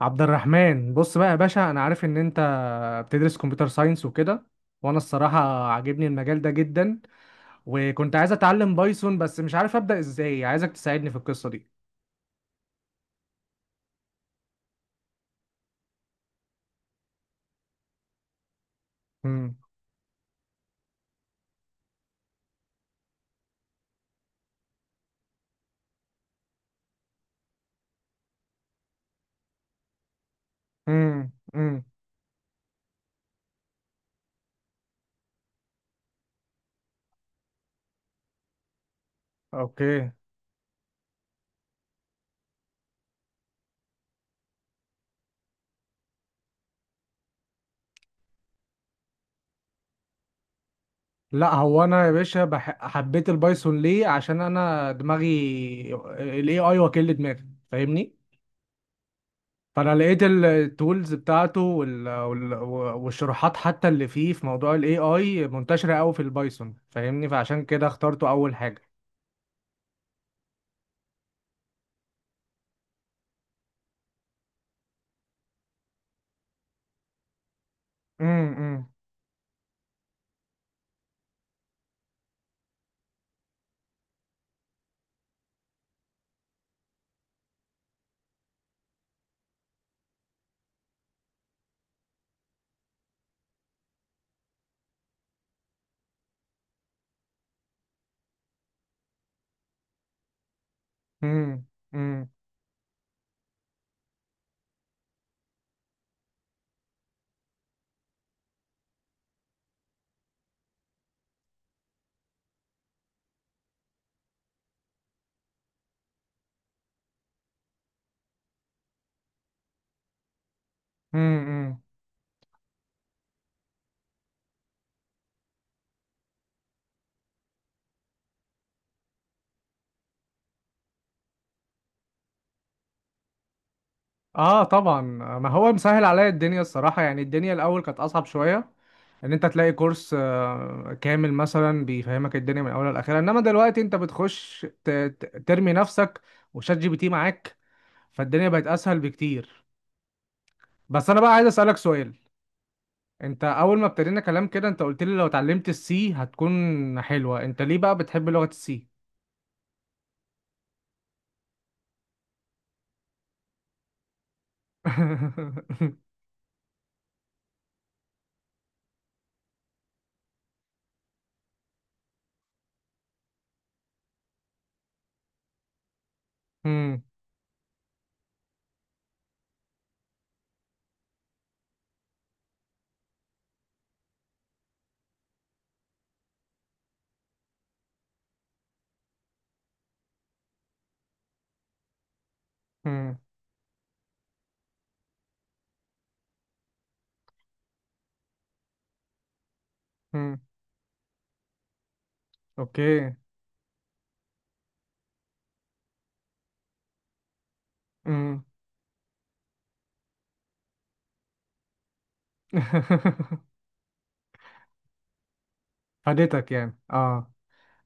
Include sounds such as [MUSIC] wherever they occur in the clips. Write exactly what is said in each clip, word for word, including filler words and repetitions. عبد الرحمن، بص بقى يا باشا، انا عارف ان انت بتدرس كمبيوتر ساينس وكده. وانا الصراحة عاجبني المجال ده جدا. وكنت عايز اتعلم بايثون، بس مش عارف ابدأ ازاي. عايزك تساعدني في القصة دي. امم امم امم اوكي. لا، هو انا يا باشا بح... حبيت البايثون ليه؟ عشان انا دماغي الاي اي، وكيل دماغي، فاهمني. فانا لقيت التولز بتاعته وال... وال... والشروحات حتى اللي فيه في موضوع الاي اي منتشره قوي في البايثون، فاهمني، فعشان كده اخترته اول حاجه. امم امم امم امم اه، طبعا. ما هو مسهل عليا الدنيا الصراحه، يعني الدنيا الاول كانت اصعب شويه. ان انت تلاقي كورس آه، كامل مثلا بيفهمك الدنيا من اولها لاخرها، انما دلوقتي انت بتخش ت... ت- ترمي نفسك وشات جي بي تي معاك، فالدنيا بقت اسهل بكتير. بس انا بقى عايز اسالك سؤال. انت اول ما ابتدينا كلام كده انت قلت لي لو اتعلمت السي هتكون حلوة، انت ليه بقى بتحب لغة السي؟ [LAUGHS] مم، مم، مم. اوكي. مم. [LAUGHS] فادتك يعني؟ اه.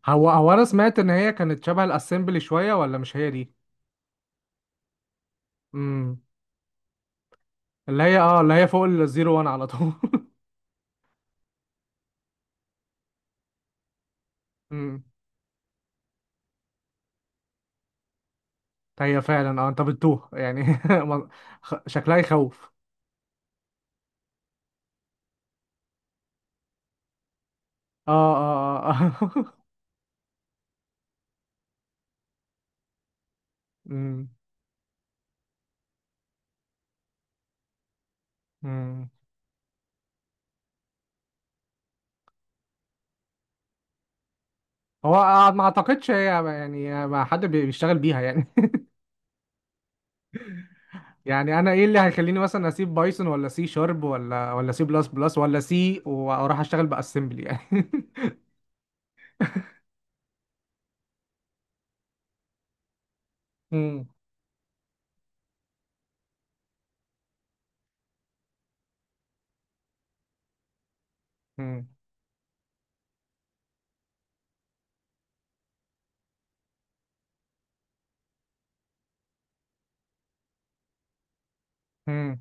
هو هو انا سمعت ان هي كانت شبه الاسمبلي شوية، ولا مش هي دي؟ مم. اللي هي اه اللي هي فوق الزيرو وان على طول. [LAUGHS] مم. هي فعلا، اه انت بتتوه يعني. [LAUGHS] ما- خ- شكلها يخوف. اه، اه، اه. [LAUGHS] مم. هو ما اعتقدش هي، يعني ما حد بي- بيشتغل بيها يعني. [LAUGHS] يعني انا ايه اللي هيخليني مثلا اسيب بايثون ولا سي شارب ولا ولا سي بلس بلس ولا سي واروح اشتغل باسمبلي يعني؟ [LAUGHS] مم. مم. مم.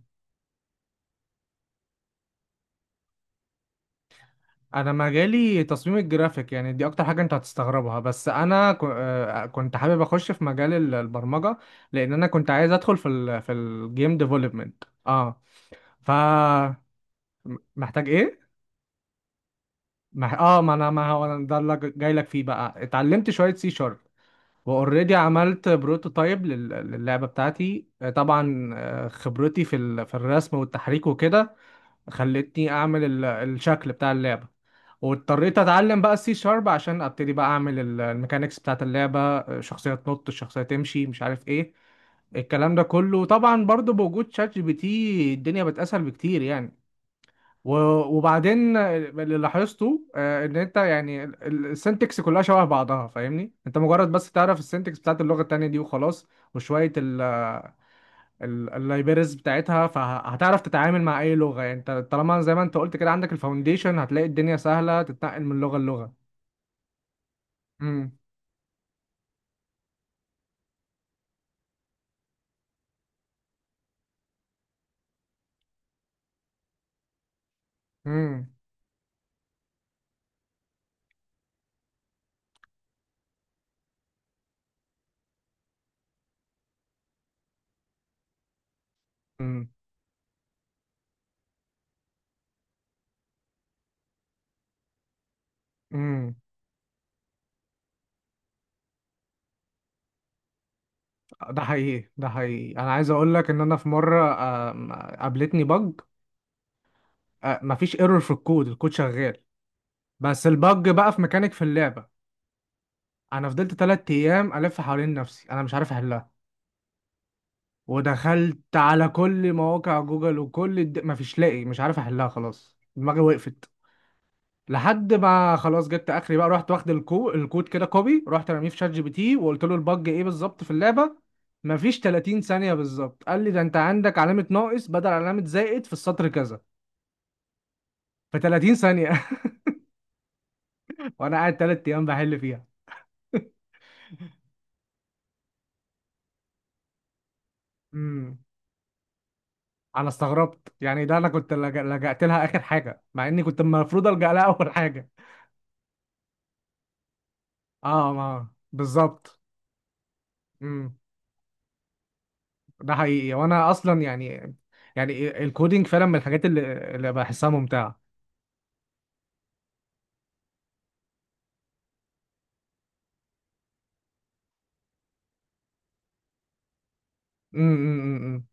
انا مجالي تصميم الجرافيك، يعني دي اكتر حاجه انت هتستغربها، بس انا ك- آه، كنت حابب اخش في مجال ال- البرمجه، لان انا كنت عايز ادخل في ال في الجيم ديفلوبمنت، اه. ف محتاج ايه؟ مح... اه ما انا، ما هو أنا ده اللي جاي لك فيه بقى. اتعلمت شويه سي شارب واوريدي عملت بروتوتايب لل- للعبة بتاعتي، آه، طبعا آه، خبرتي في ال- في الرسم والتحريك وكده خلتني اعمل ال- الشكل بتاع اللعبة. واضطريت اتعلم بقى السي شارب عشان ابتدي بقى اعمل ال- الميكانيكس بتاعت اللعبة، آه، شخصية تنط، شخصية تمشي، مش عارف ايه. الكلام ده كله طبعا برضو بوجود شات جي بي تي الدنيا بتسهل بكتير يعني. و- وبعدين اللي لاحظته، آه، ان انت يعني ال- ال- السنتكس كلها شبه بعضها، فاهمني؟ انت مجرد بس تعرف السنتكس بتاعت اللغة التانية دي وخلاص، وشوية اللايبرز بتاعتها، فهتعرف تتعامل مع اي لغة، يعني انت طالما زي ما انت قلت كده عندك الفاونديشن، هتلاقي الدنيا سهلة تتنقل من لغة للغة. امم امم امم امم ده حقيقي، ده حقيقي، انا عايز اقول لك ان انا في مرة آم، قابلتني بج. مفيش ايرور في الكود، الكود شغال، بس البج بقى في ميكانيك في اللعبة. انا فضلت تلات ايام الف حوالين نفسي انا مش عارف احلها، ودخلت على كل مواقع جوجل وكل الد... مفيش لاقي، مش عارف احلها، خلاص دماغي وقفت. لحد ما خلاص جبت اخري بقى، رحت واخد الكو... الكود كده كوبي، رحت رميه في شات جي بي تي وقلت له البج ايه بالظبط في اللعبه. مفيش تلاتين ثانيه بالظبط قال لي ده انت عندك علامه ناقص بدل علامه زائد في السطر كذا. في ثلاثين ثانيه! [LAUGHS] وانا قاعد تلات ايام بحل فيها. [LAUGHS] امم انا استغربت يعني، ده انا كنت لج- لجأت لها اخر حاجه مع اني كنت المفروض الجأ لها اول حاجه. اه، ما بالظبط. امم ده حقيقي، وانا اصلا يعني يعني الكودينج فعلا من الحاجات اللي، اللي بحسها ممتعه. امم، امم، امم، إمم.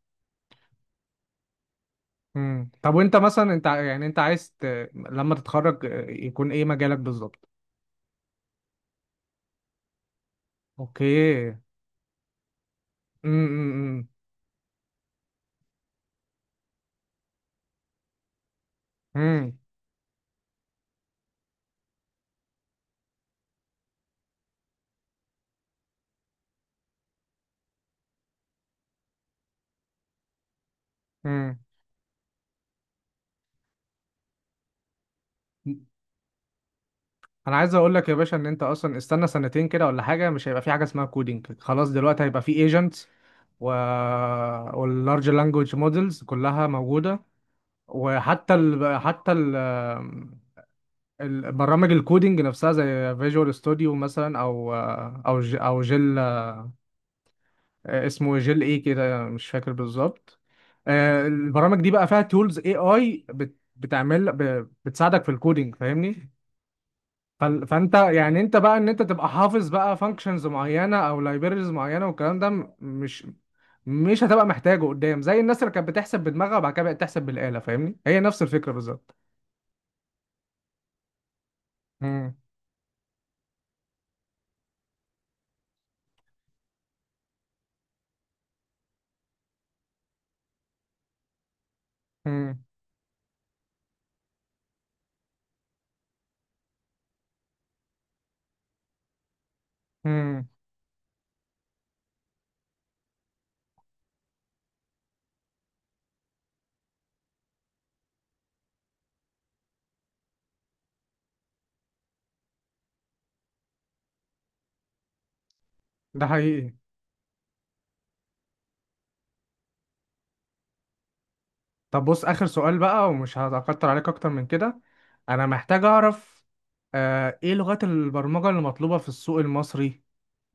إمم. طب وانت مثلا انت ع- يعني انت عايز ت... لما تتخرج، آه، يكون ايه مجالك بالظبط؟ اوكي. امم، امم، امم، إمم، إمم. انا عايز اقول لك يا باشا، ان انت اصلا استنى سنتين كده ولا حاجه مش هيبقى في حاجه اسمها كودينج خلاص، دلوقتي هيبقى في ايجنتس و... واللارج لانجوج مودلز كلها موجوده، وحتى ال... حتى ال... البرامج الكودينج نفسها زي فيجوال ستوديو مثلا، او او ج... او جيل. اسمه جيل ايه كده مش فاكر بالظبط. آه، البرامج دي بقى فيها تولز اي اي بت... بتعمل ب... بتساعدك في الكودينج، فاهمني. فال- فانت يعني، انت بقى ان انت تبقى حافظ بقى فانكشنز معينه او لايبريز معينه، والكلام ده م- مش مش هتبقى محتاجه قدام، زي الناس اللي كانت بتحسب بدماغها وبعد كده بقت تحسب بالاله، فاهمني، هي نفس الفكره بالظبط. مم، مم، مم. ده حقيقي. طب بص، اخر سؤال بقى ومش هتكتر عليك اكتر من كده، انا محتاج اعرف آه ايه لغات البرمجه اللي مطلوبه في السوق المصري،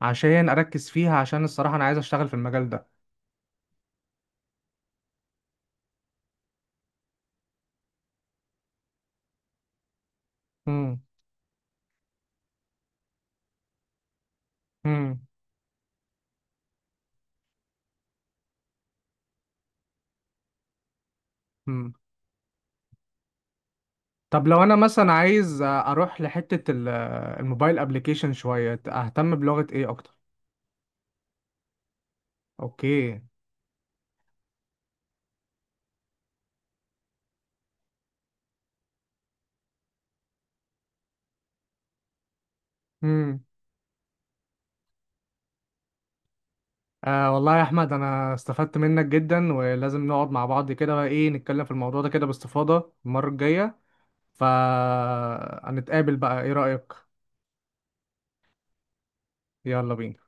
عشان اركز فيها، عشان الصراحه انا عايز اشتغل في المجال ده. مم، مم، مم. طب لو انا مثلا عايز اروح لحتة ال- الموبايل ابليكيشن، شوية اهتم بلغة ايه اكتر؟ اوكي. امم. آه، والله يا احمد، انا استفدت منك جدا، ولازم نقعد مع بعض كده بقى ايه، نتكلم في الموضوع ده كده باستفاضة المرة الجاية. فهنتقابل بقى، ايه رأيك؟ يلا بينا.